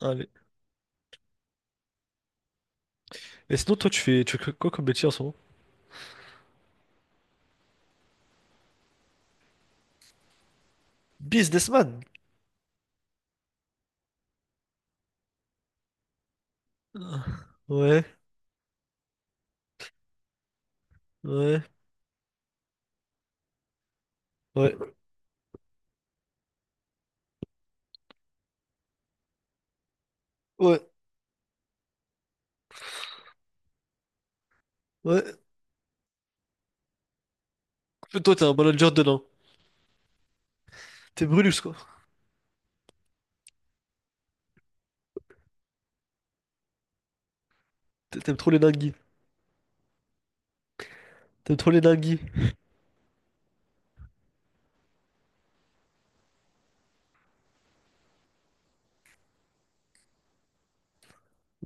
Allez. Et sinon, toi, tu fais quoi comme métier en ce moment? Businessman. Ah, ouais, ouais, ouais, ouais, ouais. Mais toi, t'es un manager de nains. T'es Brulus, quoi. T'aimes trop les dingues. T'aimes trop les dingues.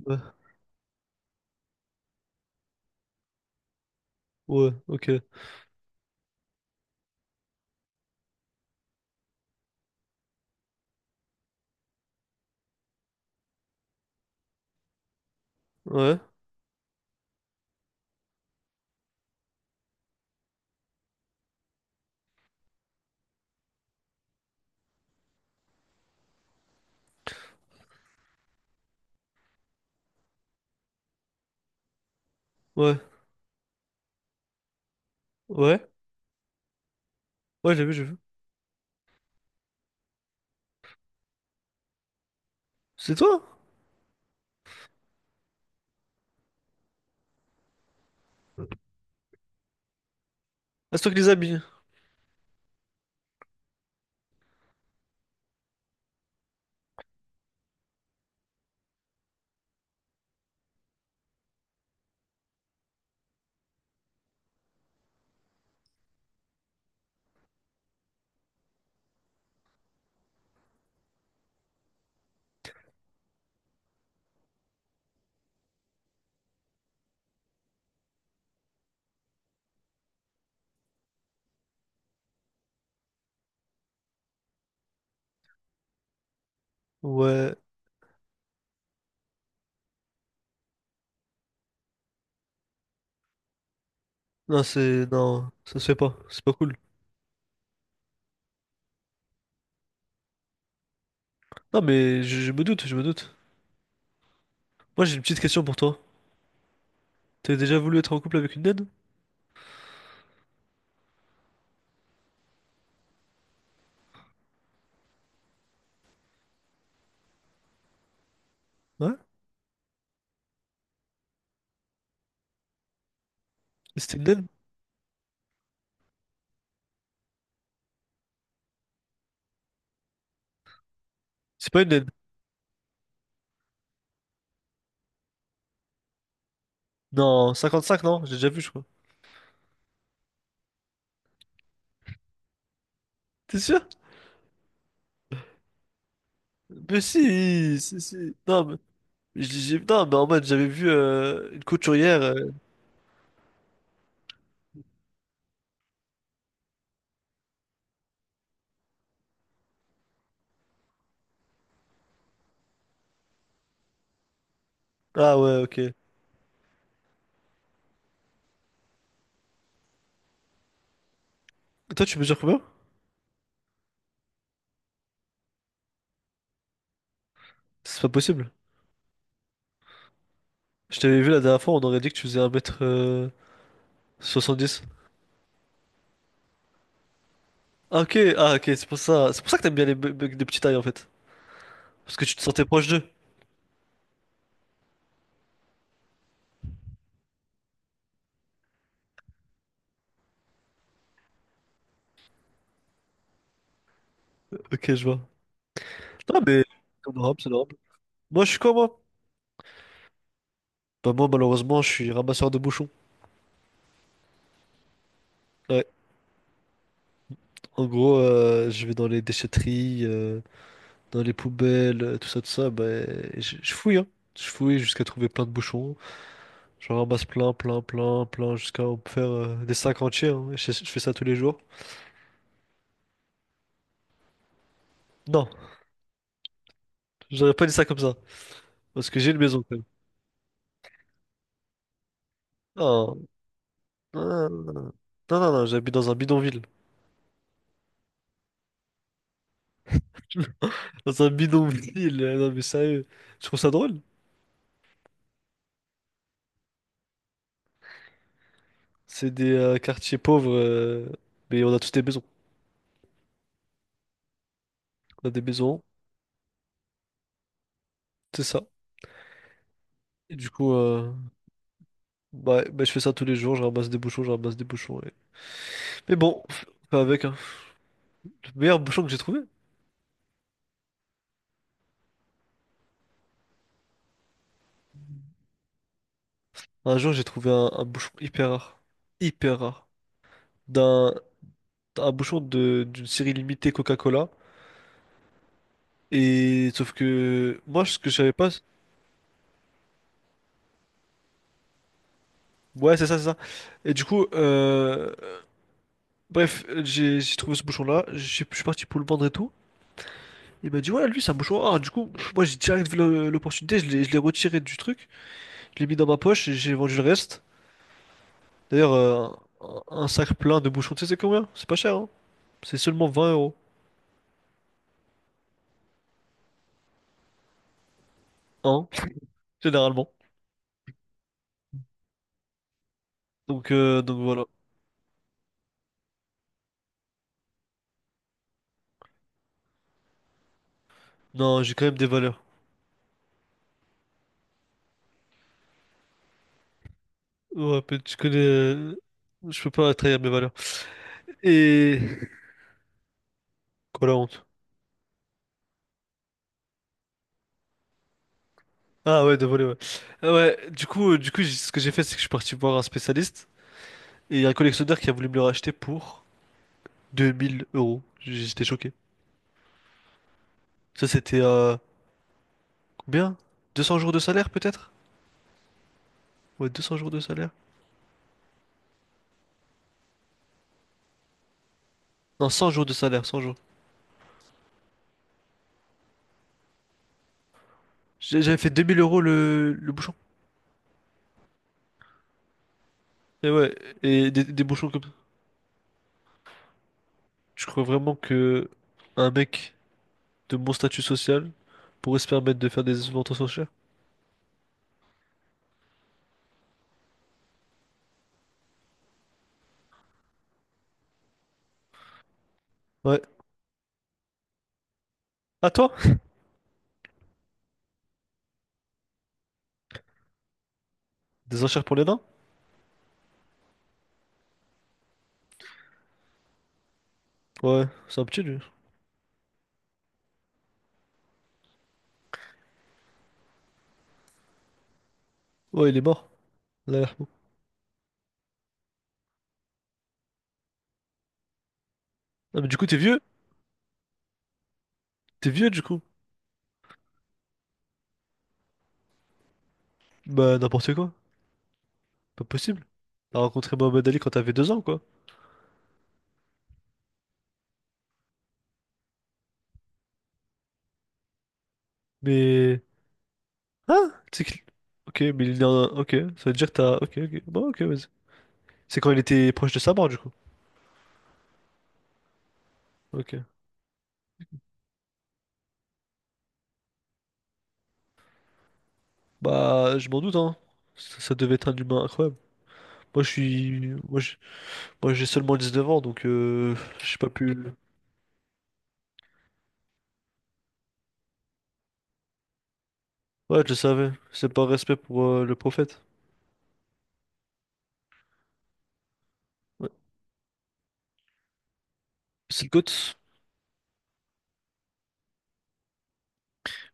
Ouais, ouais, ok. Ouais, ouais, ouais. Ouais, j'ai vu, j'ai vu. C'est toi? Ah, c'est toi qui les as mis. Ouais. Non, ça se fait pas. C'est pas cool. Non, mais je me doute, je me doute. Moi, j'ai une petite question pour toi. T'as déjà voulu être en couple avec une naine? Ouais? C'était une naine? C'est pas une naine. Non, 55, non? J'ai déjà vu, je crois. T'es sûr? Mais si, si, si. Non, mais, non, mais en mode, j'avais vu une couturière. Ah ouais, ok. Et toi, tu mesures combien? C'est pas possible. Je t'avais vu la dernière fois, on aurait dit que tu faisais 1 soixante-dix. Ah, ok, ah, ok, c'est pour ça. C'est pour ça que t'aimes bien les mecs de petite taille, en fait. Parce que tu te sentais proche d'eux. Ok, je vois. Non, mais c'est honorable, c'est honorable. Moi, je suis quoi, moi? Bah, moi, malheureusement, je suis ramasseur de bouchons. Ouais. En gros, je vais dans les déchetteries, dans les poubelles, tout ça, bah, je fouille, hein. Je fouille jusqu'à trouver plein de bouchons. J'en ramasse plein, plein, plein, plein, jusqu'à en faire des sacs entiers, hein. Je fais ça tous les jours. Non, j'aurais pas dit ça comme ça. Parce que j'ai une maison quand même. Non, non, non, non, non, non, j'habite dans un bidonville. Dans un bidonville, non mais sérieux. Je trouve ça drôle. C'est des quartiers pauvres, mais on a tous des maisons. On a des maisons, c'est ça. Et du coup, bah, bah, je fais ça tous les jours, je ramasse des bouchons, je ramasse des bouchons. Mais bon, fait avec hein. Le meilleur bouchon que j'ai trouvé. Un jour, j'ai trouvé un bouchon hyper rare. Hyper rare. D'un Un bouchon de d'une série limitée Coca-Cola. Et sauf que moi, ce que je savais pas. Ouais, c'est ça, c'est ça. Et du coup, bref, j'ai trouvé ce bouchon-là. Je suis parti pour le vendre et tout. Il m'a dit, ouais, lui, c'est un bouchon rare. Du coup, moi, j'ai direct vu l'opportunité. Je l'ai retiré du truc. Je l'ai mis dans ma poche et j'ai vendu le reste. D'ailleurs, un sac plein de bouchons, tu sais, c'est combien? C'est pas cher, hein. C'est seulement 20 euros. Hein, généralement. Donc, voilà. Non, j'ai quand même des valeurs. Ouais, mais tu connais, je peux pas trahir mes valeurs. Et quoi la honte? Ah ouais, de voler, ouais. Ah ouais, du coup, ce que j'ai fait, c'est que je suis parti voir un spécialiste et il y a un collectionneur qui a voulu me le racheter pour 2 000 euros. J'étais choqué. Ça, c'était combien? 200 jours de salaire, peut-être? Ouais, 200 jours de salaire. Non, 100 jours de salaire, 100 jours. J'avais fait 2 000 euros le bouchon. Et ouais, et des bouchons comme ça. Je crois vraiment que un mec de mon statut social pourrait se permettre de faire des ventes aux enchères? Ouais. À toi? Des enchères pour les nains? Ouais, c'est un petit lui. Ouais, il est mort. Là, il a l'air mort. Ah, mais du coup, t'es vieux? T'es vieux du coup? Bah, n'importe quoi. Pas possible. T'as rencontré Mohamed Ali quand t'avais 2 ans, quoi. Mais. Ah! Ok, Ok, ça veut dire que t'as. Ok, ok. Bon, ok, vas-y. C'est quand il était proche de sa mort, du coup. Ok. Bah, je m'en doute, hein. Ça devait être un humain incroyable. Moi, je suis. Moi, je- Moi, j'ai seulement 19 ans, donc j'ai pas pu. Ouais, je le savais. C'est par respect pour le prophète. Ouais. C'est le goth.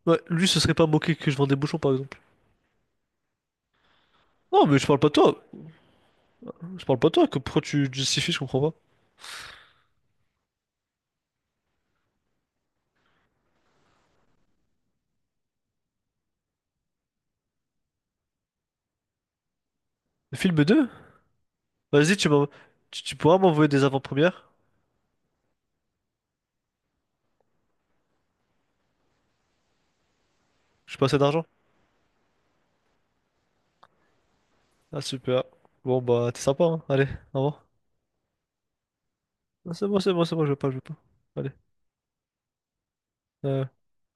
Ouais, lui, ce serait pas moqué que je vends des bouchons, par exemple. Non, mais je parle pas de toi. Je parle pas de toi. Pourquoi tu justifies, je comprends pas. Film deux. Vas-y, tu m'en... Tu pourras m'envoyer des avant-premières? J'ai pas assez d'argent. Ah, super. Bon, bah, t'es sympa, hein. Allez, au revoir. Ah, c'est bon, c'est bon, c'est bon, je veux pas, je veux pas. Allez. Euh,